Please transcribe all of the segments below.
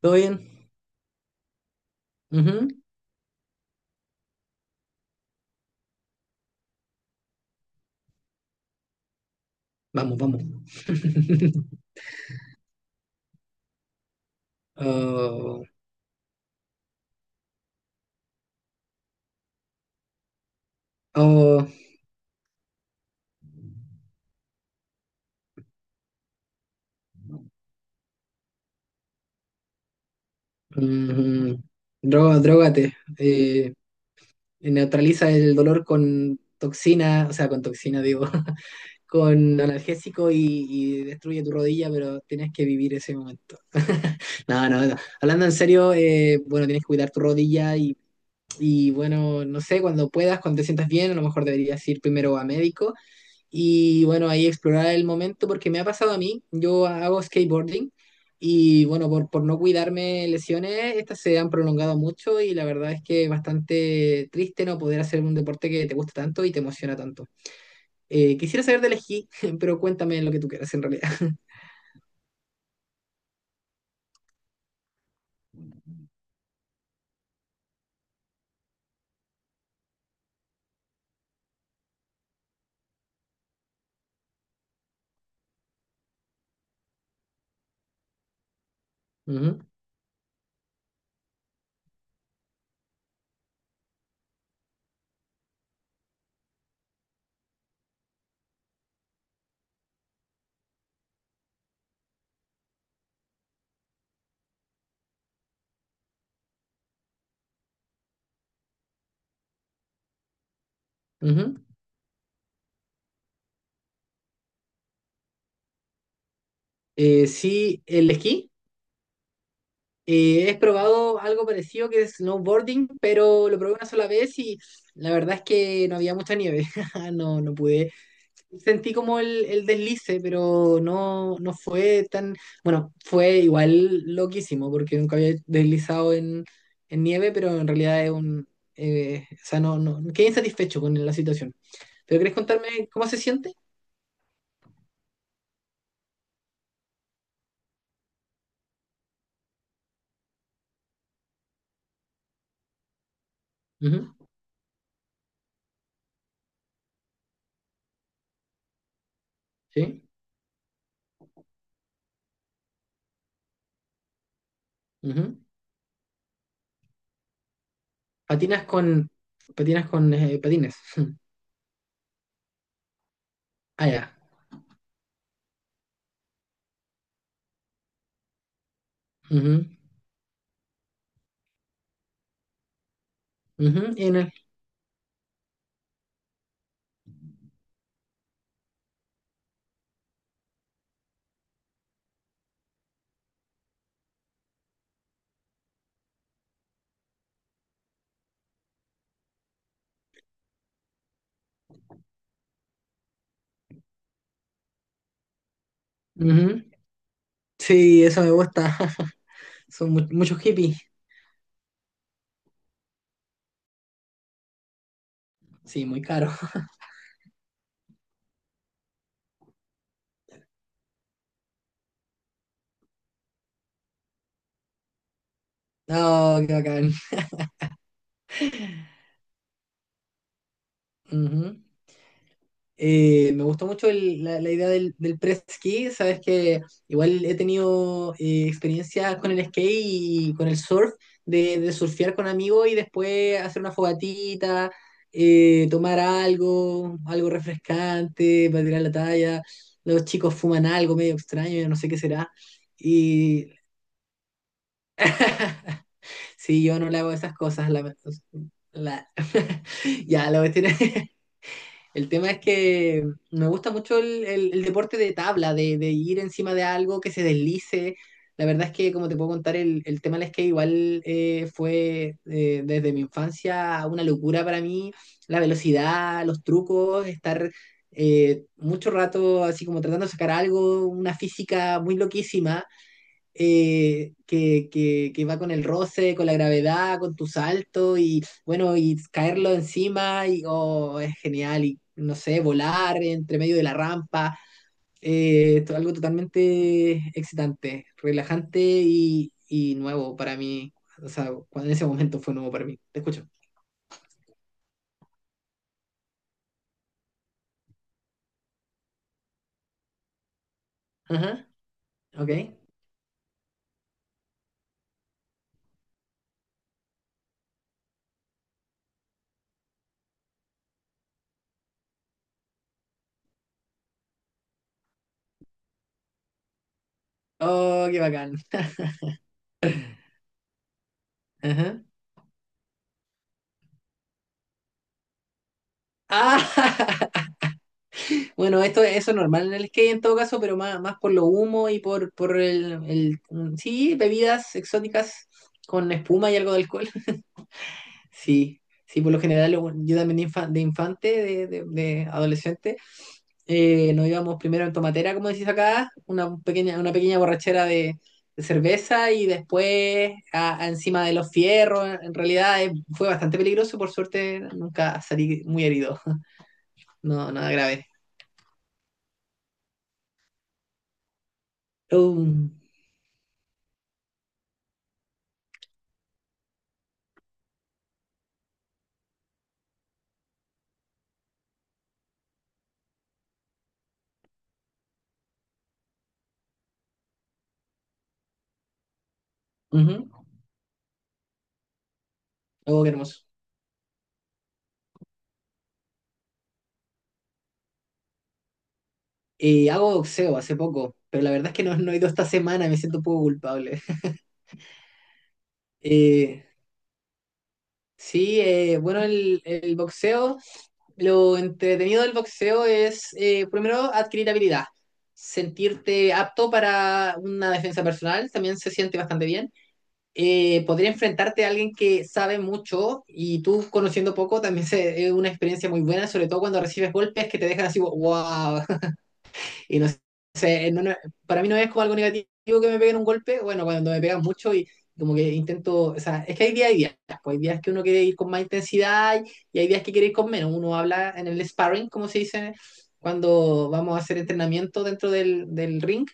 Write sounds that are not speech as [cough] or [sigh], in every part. ¿Todo bien? Ujú. Vamos, vamos. [laughs] Oh, oh, mm, droga, drógate. Neutraliza el dolor con toxina, o sea, con toxina, digo, [laughs] con analgésico y, destruye tu rodilla, pero tienes que vivir ese momento. [laughs] No, no, no. Hablando en serio, bueno, tienes que cuidar tu rodilla y bueno, no sé, cuando puedas, cuando te sientas bien, a lo mejor deberías ir primero a médico. Y bueno, ahí explorar el momento porque me ha pasado a mí, yo hago skateboarding y bueno, por no cuidarme lesiones, estas se han prolongado mucho y la verdad es que es bastante triste no poder hacer un deporte que te gusta tanto y te emociona tanto. Quisiera saber del esquí, [laughs] pero cuéntame lo que tú quieras en realidad. [laughs] Ujú, ujú. Sí, el esquí. He probado algo parecido que es snowboarding, pero lo probé una sola vez y la verdad es que no había mucha nieve. [laughs] No, no pude. Sentí como el deslice, pero no, no fue tan, bueno, fue igual loquísimo, porque nunca había deslizado en nieve, pero en realidad es un, o sea, no, quedé insatisfecho con la situación. ¿Pero querés contarme cómo se siente? Ujú. Sí, ujú. Patinas con, patinas con patines. [laughs] Ah, ya. Ujú, ujú, y en el- ujú. Sí, eso me gusta. [laughs] Son muchos hippies. Sí, muy caro. [laughs] No, qué bacán. Ujú. Me gustó mucho el- la idea del press ski, sabes que igual he tenido experiencias con el skate y con el surf, de surfear con amigos y después hacer una fogatita, tomar algo, algo refrescante para tirar la talla. Los chicos fuman algo medio extraño, yo no sé qué será. Y [laughs] sí, yo no le hago esas cosas. La- [laughs] ya, la cuestión es, el tema es que me gusta mucho el deporte de tabla, de ir encima de algo que se deslice. La verdad es que, como te puedo contar, el tema del skate igual fue desde mi infancia una locura para mí. La velocidad, los trucos, estar mucho rato así como tratando de sacar algo, una física muy loquísima que va con el roce, con la gravedad, con tu salto y bueno, y caerlo encima y oh, es genial y no sé, volar entre medio de la rampa, algo totalmente excitante, relajante y nuevo para mí. O sea, cuando en ese momento fue nuevo para mí. Te escucho. Ajá, ok. Oh, qué bacán. Ajá. Ah, [laughs] bueno, esto, eso es normal en el skate en todo caso, pero más, más por lo humo y por el- mm, sí, bebidas exóticas con espuma y algo de alcohol. [laughs] Sí, sí, por lo general lo- yo también de, infa- de infante, de adolescente, nos íbamos primero en tomatera, como decís acá, una pequeña borrachera de cerveza y después a encima de los fierros. En realidad fue bastante peligroso, por suerte nunca salí muy herido. [laughs] No, nada grave. Um, ujú. Oh, qué hermoso. Hago boxeo hace poco, pero la verdad es que no, no he ido esta semana, me siento un poco culpable. [laughs] Eh, sí, bueno, el boxeo, lo entretenido del boxeo es, primero, adquirir habilidad, sentirte apto para una defensa personal, también se siente bastante bien. Poder enfrentarte a alguien que sabe mucho y tú conociendo poco también se- es una experiencia muy buena, sobre todo cuando recibes golpes que te dejan así, wow. Y no sé, no- no- para mí no es como algo negativo que me peguen un golpe, bueno, cuando me pegan mucho y como que intento, o sea, es que hay días y días, pues hay días que uno quiere ir con más intensidad y hay días que quiere ir con menos. Uno habla en el sparring, como se dice, cuando vamos a hacer entrenamiento dentro del ring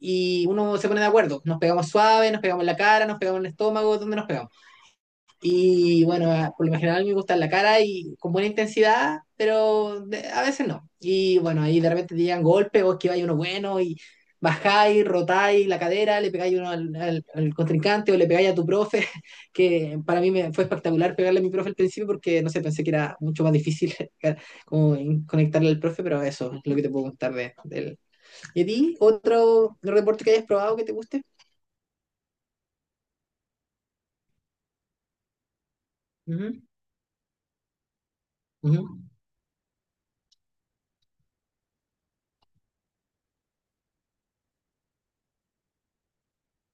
y uno se pone de acuerdo, nos pegamos suave, nos pegamos en la cara, nos pegamos en el estómago, ¿dónde nos pegamos? Y bueno, ah, por lo general me gusta en la cara y con buena intensidad, pero de- a veces no. Y bueno, ahí de repente te llegan golpes, vos esquiváis uno bueno y bajáis, rotáis la cadera, le pegáis uno al, al- al contrincante o le pegáis a tu profe, [laughs] que para mí me, fue espectacular pegarle a mi profe al principio porque no sé, pensé que era mucho más difícil. [laughs] Como en- conectarle al profe, pero eso es lo que te puedo contar de él. ¿Y a ti? ¿Otro deporte que hayas probado que te guste? Ujú, ujú.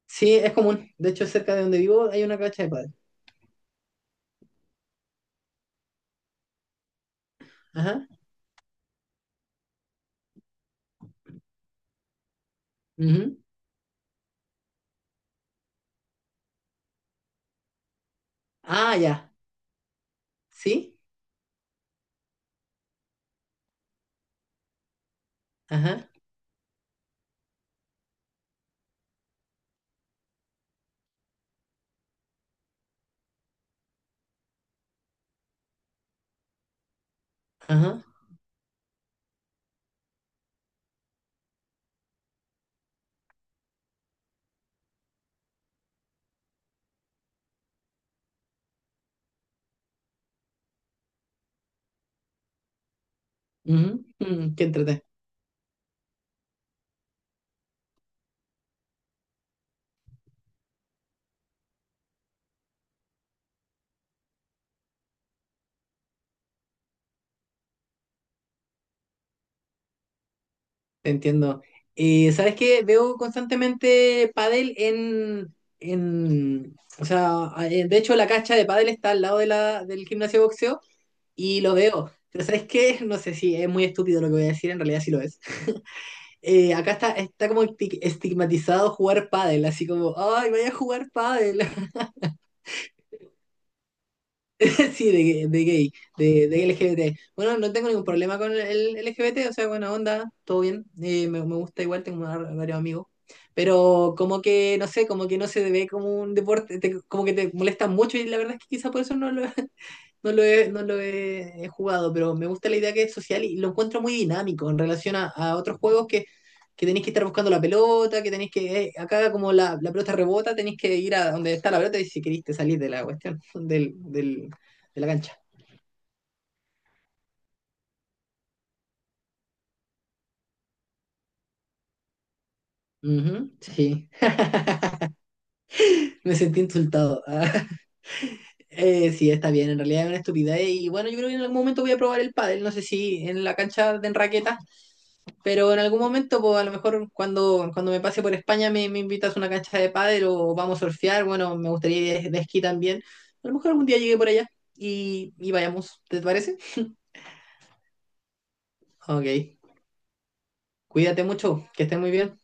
Sí, es común. De hecho, cerca de donde vivo hay una cancha de pádel. Ajá. Ujú. Ah, ya. ¿Sí? Ajá. Ajá. Ujú, mm, qué entrete. Te entiendo. ¿Sabes qué? Veo constantemente pádel en... O sea, de hecho la cancha de pádel está al lado de la, del gimnasio de boxeo y lo veo. Pero ¿sabes qué? No sé si es muy estúpido lo que voy a decir, en realidad sí lo es. Acá está, está como estigmatizado jugar pádel, así como, ay, vaya a jugar pádel. [laughs] Sí, de gay, de LGBT. Bueno, no tengo ningún problema con el LGBT, o sea, buena onda, todo bien. Me gusta igual, tengo varios amigos. Pero como que, no sé, como que no se ve como un deporte, te- como que te molesta mucho y la verdad es que quizá por eso no lo, [laughs] no lo he, no lo he, he jugado, pero me gusta la idea que es social y lo encuentro muy dinámico en relación a otros juegos que tenéis que estar buscando la pelota, que tenéis que, acá como la pelota rebota, tenéis que ir a donde está la pelota y si queriste salir de la cuestión, del, del- de la cancha. Ujú, sí, [laughs] me sentí insultado. [laughs] Sí, está bien, en realidad es una estupidez. Y bueno, yo creo que en algún momento voy a probar el pádel, no sé si en la cancha de raqueta, pero en algún momento, pues a lo mejor cuando, cuando me pase por España me, me invitas a una cancha de pádel o vamos a surfear, bueno, me gustaría ir de esquí también. A lo mejor algún día llegue por allá y vayamos, ¿te parece? Ok, cuídate mucho, que estés muy bien.